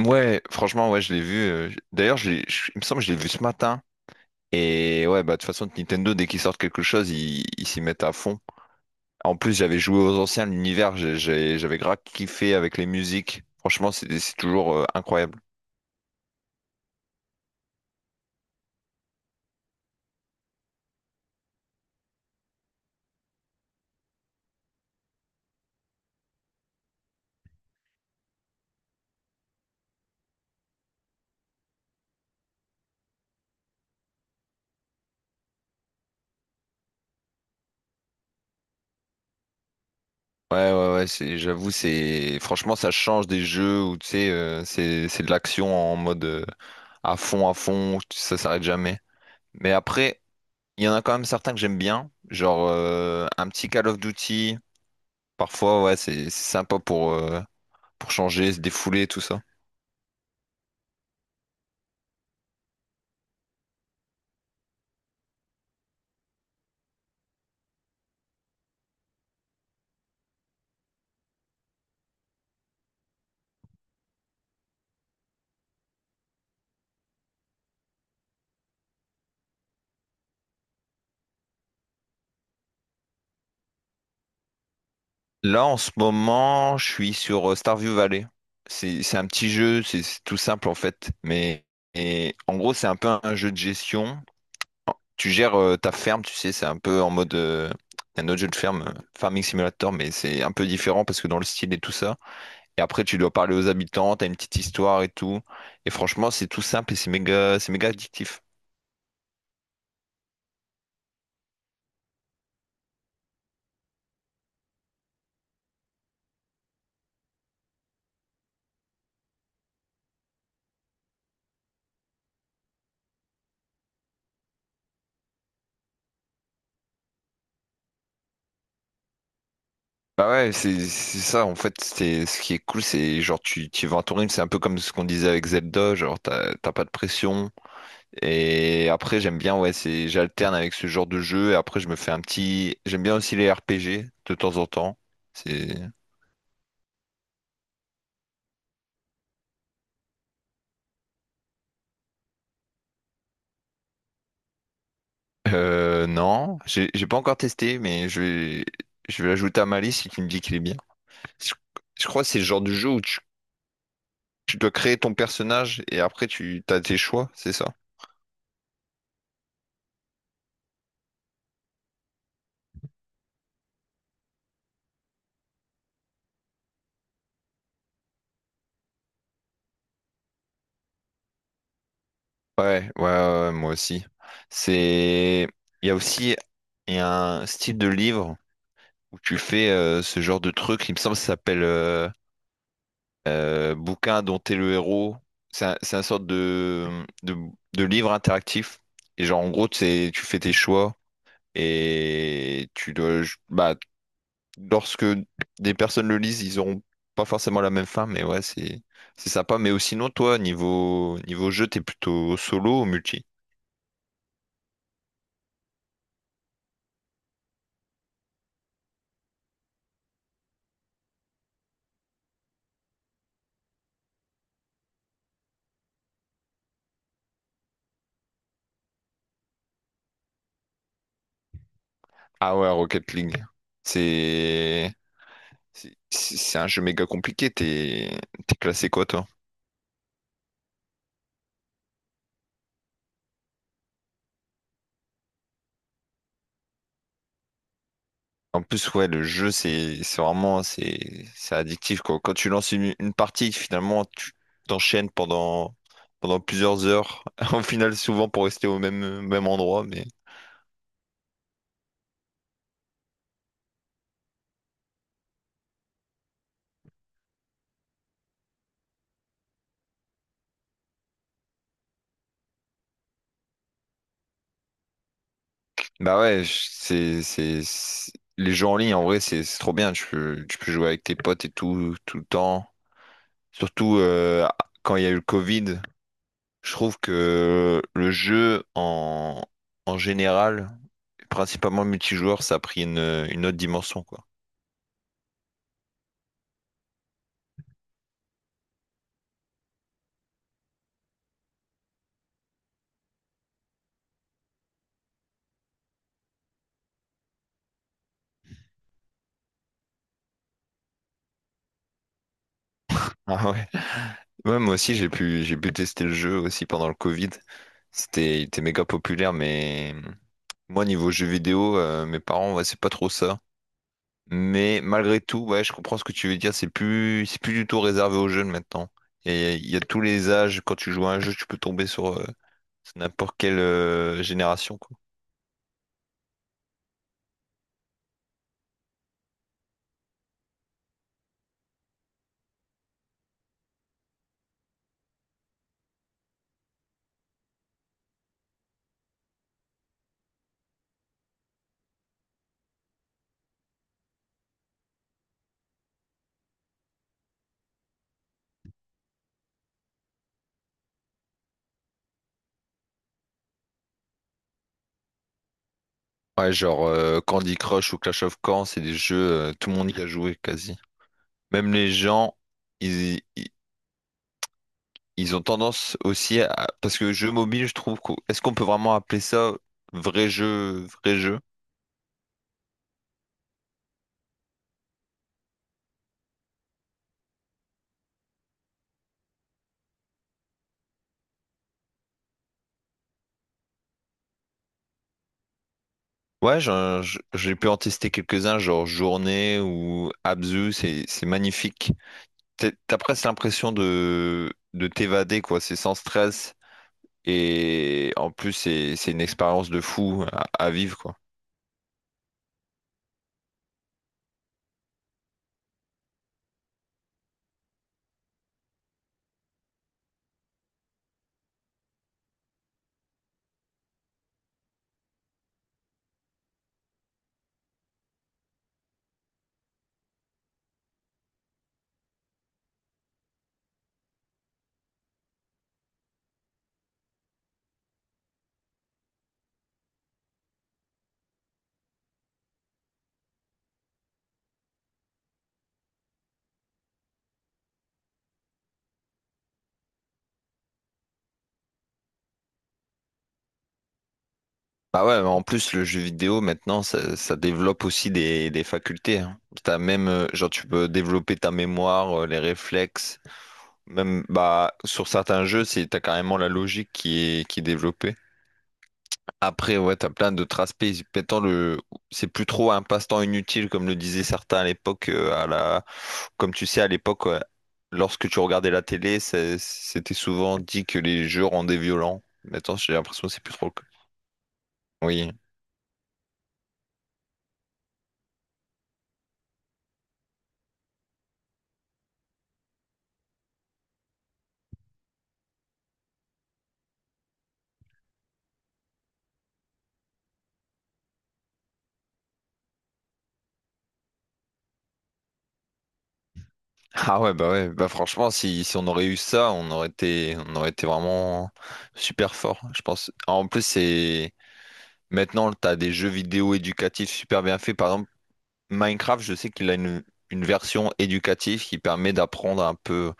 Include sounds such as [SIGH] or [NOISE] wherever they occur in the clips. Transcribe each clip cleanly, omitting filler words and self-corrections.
Ouais, franchement, ouais, je l'ai vu. D'ailleurs, il me semble que je l'ai vu ce matin. Et ouais, bah de toute façon, Nintendo, dès qu'ils sortent quelque chose, ils s'y mettent à fond. En plus, j'avais joué aux anciens, l'univers, j'avais grave kiffé avec les musiques. Franchement, c'est toujours incroyable. Ouais, ouais, ouais, c'est, j'avoue, c'est, franchement, ça change des jeux où, tu sais, c'est de l'action en mode à fond, ça s'arrête jamais. Mais après, il y en a quand même certains que j'aime bien, genre un petit Call of Duty. Parfois, ouais, c'est sympa pour changer, se défouler, tout ça. Là, en ce moment, je suis sur Starview Valley. C'est un petit jeu, c'est tout simple en fait. Mais et, en gros, c'est un peu un jeu de gestion. Tu gères ta ferme, tu sais, c'est un peu en mode un autre jeu de ferme, Farming Simulator, mais c'est un peu différent parce que dans le style et tout ça. Et après, tu dois parler aux habitants, t'as une petite histoire et tout. Et franchement, c'est tout simple et c'est méga addictif. Bah ouais, c'est ça, en fait, c'est ce qui est cool, c'est genre tu, tu vas en tourner, c'est un peu comme ce qu'on disait avec Zelda, genre t'as pas de pression. Et après j'aime bien, ouais, c'est j'alterne avec ce genre de jeu, et après je me fais un petit. J'aime bien aussi les RPG de temps en temps. C'est. Non, j'ai pas encore testé, mais je vais l'ajouter à ma liste si tu me dis qu'il est bien. Je, je crois que c'est le genre de jeu où tu dois créer ton personnage et après tu as tes choix, c'est ça? Ouais, ouais, ouais, ouais, moi aussi. C'est, il y a aussi il y a un style de livre où tu fais ce genre de truc. Il me semble que ça s'appelle Bouquin dont t'es le héros. C'est un sorte de, de livre interactif. Et genre en gros, c'est tu fais tes choix et tu dois, bah lorsque des personnes le lisent, ils auront pas forcément la même fin, mais ouais, c'est sympa. Mais aussi sinon, toi, niveau jeu, t'es plutôt solo ou multi? Ah ouais, Rocket League. C'est c'est un jeu méga compliqué. T'es classé quoi, toi? En plus, ouais, le jeu, c'est vraiment c'est addictif quoi. Quand tu lances une partie, finalement, tu t'enchaînes pendant plusieurs heures. [LAUGHS] Au final, souvent pour rester au même endroit, mais bah ouais, les jeux en ligne, en vrai, c'est trop bien. Tu peux jouer avec tes potes et tout, tout le temps. Surtout quand il y a eu le Covid, je trouve que le jeu en, en général, principalement le multijoueur, ça a pris une autre dimension, quoi. [LAUGHS] Ah ouais. Ouais, moi aussi, j'ai pu tester le jeu aussi pendant le Covid. C'était, il était méga populaire, mais. Moi, niveau jeux vidéo, mes parents, ouais, c'est pas trop ça. Mais malgré tout, ouais, je comprends ce que tu veux dire. C'est plus du tout réservé aux jeunes maintenant. Et il y a tous les âges. Quand tu joues à un jeu, tu peux tomber sur, sur n'importe quelle génération, quoi. Ouais, genre Candy Crush ou Clash of Clans, c'est des jeux, tout le monde y a joué quasi. Même les gens, ils, ils, ils ont tendance aussi à... Parce que jeu mobile, je trouve... qu'au- est-ce qu'on peut vraiment appeler ça vrai jeu, vrai jeu? Ouais, j'ai pu en tester quelques-uns, genre Journée ou Abzu, c'est magnifique. T'as presque l'impression de t'évader, quoi. C'est sans stress. Et en plus, c'est une expérience de fou à vivre, quoi. Bah ouais, mais en plus, le jeu vidéo, maintenant, ça développe aussi des facultés, hein. T'as même, genre, tu peux développer ta mémoire, les réflexes. Même, bah, sur certains jeux, c'est, t'as carrément la logique qui est développée. Après, ouais, t'as plein d'autres aspects. Maintenant, le... c'est plus trop un passe-temps inutile, comme le disaient certains à l'époque. À la... comme tu sais, à l'époque, lorsque tu regardais la télé, c'était souvent dit que les jeux rendaient violents. Maintenant, j'ai l'impression que c'est plus trop le cas. Oui. Ah ouais, bah franchement, si, si on aurait eu ça, on aurait été vraiment super fort, je pense. En plus, c'est maintenant, t'as des jeux vidéo éducatifs super bien faits. Par exemple, Minecraft, je sais qu'il a une version éducative qui permet d'apprendre un peu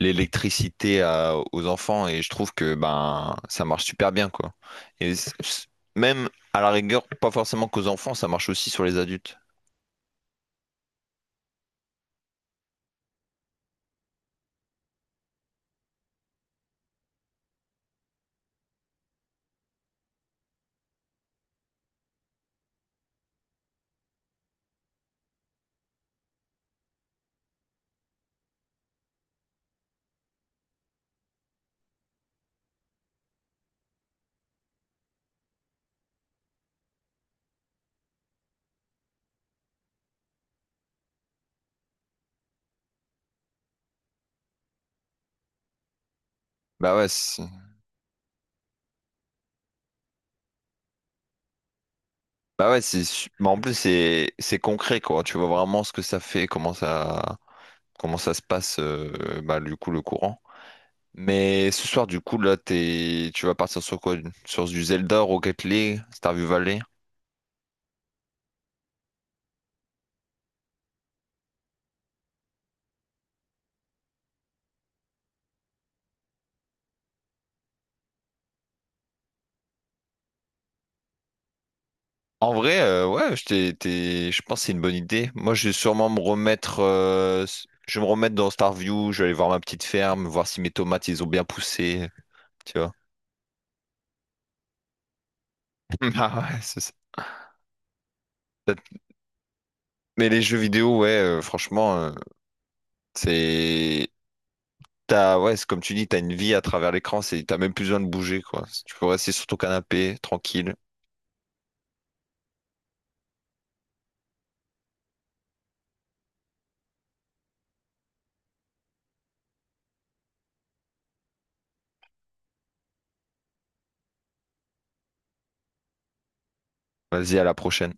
l'électricité aux enfants et je trouve que ben ça marche super bien quoi. Et même à la rigueur, pas forcément qu'aux enfants, ça marche aussi sur les adultes. Bah ouais, c'est- Bah ouais, mais en plus c'est concret quoi. Tu vois vraiment ce que ça fait, comment ça se passe bah, du coup le courant. Mais ce soir du coup là t'es tu vas partir sur quoi? Sur du Zelda, Rocket League, Stardew Valley? En vrai, ouais, je pense que c'est une bonne idée. Moi, je vais sûrement me remettre, je vais me remettre dans Starview, je vais aller voir ma petite ferme, voir si mes tomates, ils ont bien poussé, tu vois. [LAUGHS] Ah ouais, c'est ça. Mais les jeux vidéo, ouais, franchement, c'est, t'as, ouais, c'est comme tu dis, t'as une vie à travers l'écran, c'est, t'as même plus besoin de bouger, quoi. Tu peux rester sur ton canapé, tranquille. Vas-y, à la prochaine.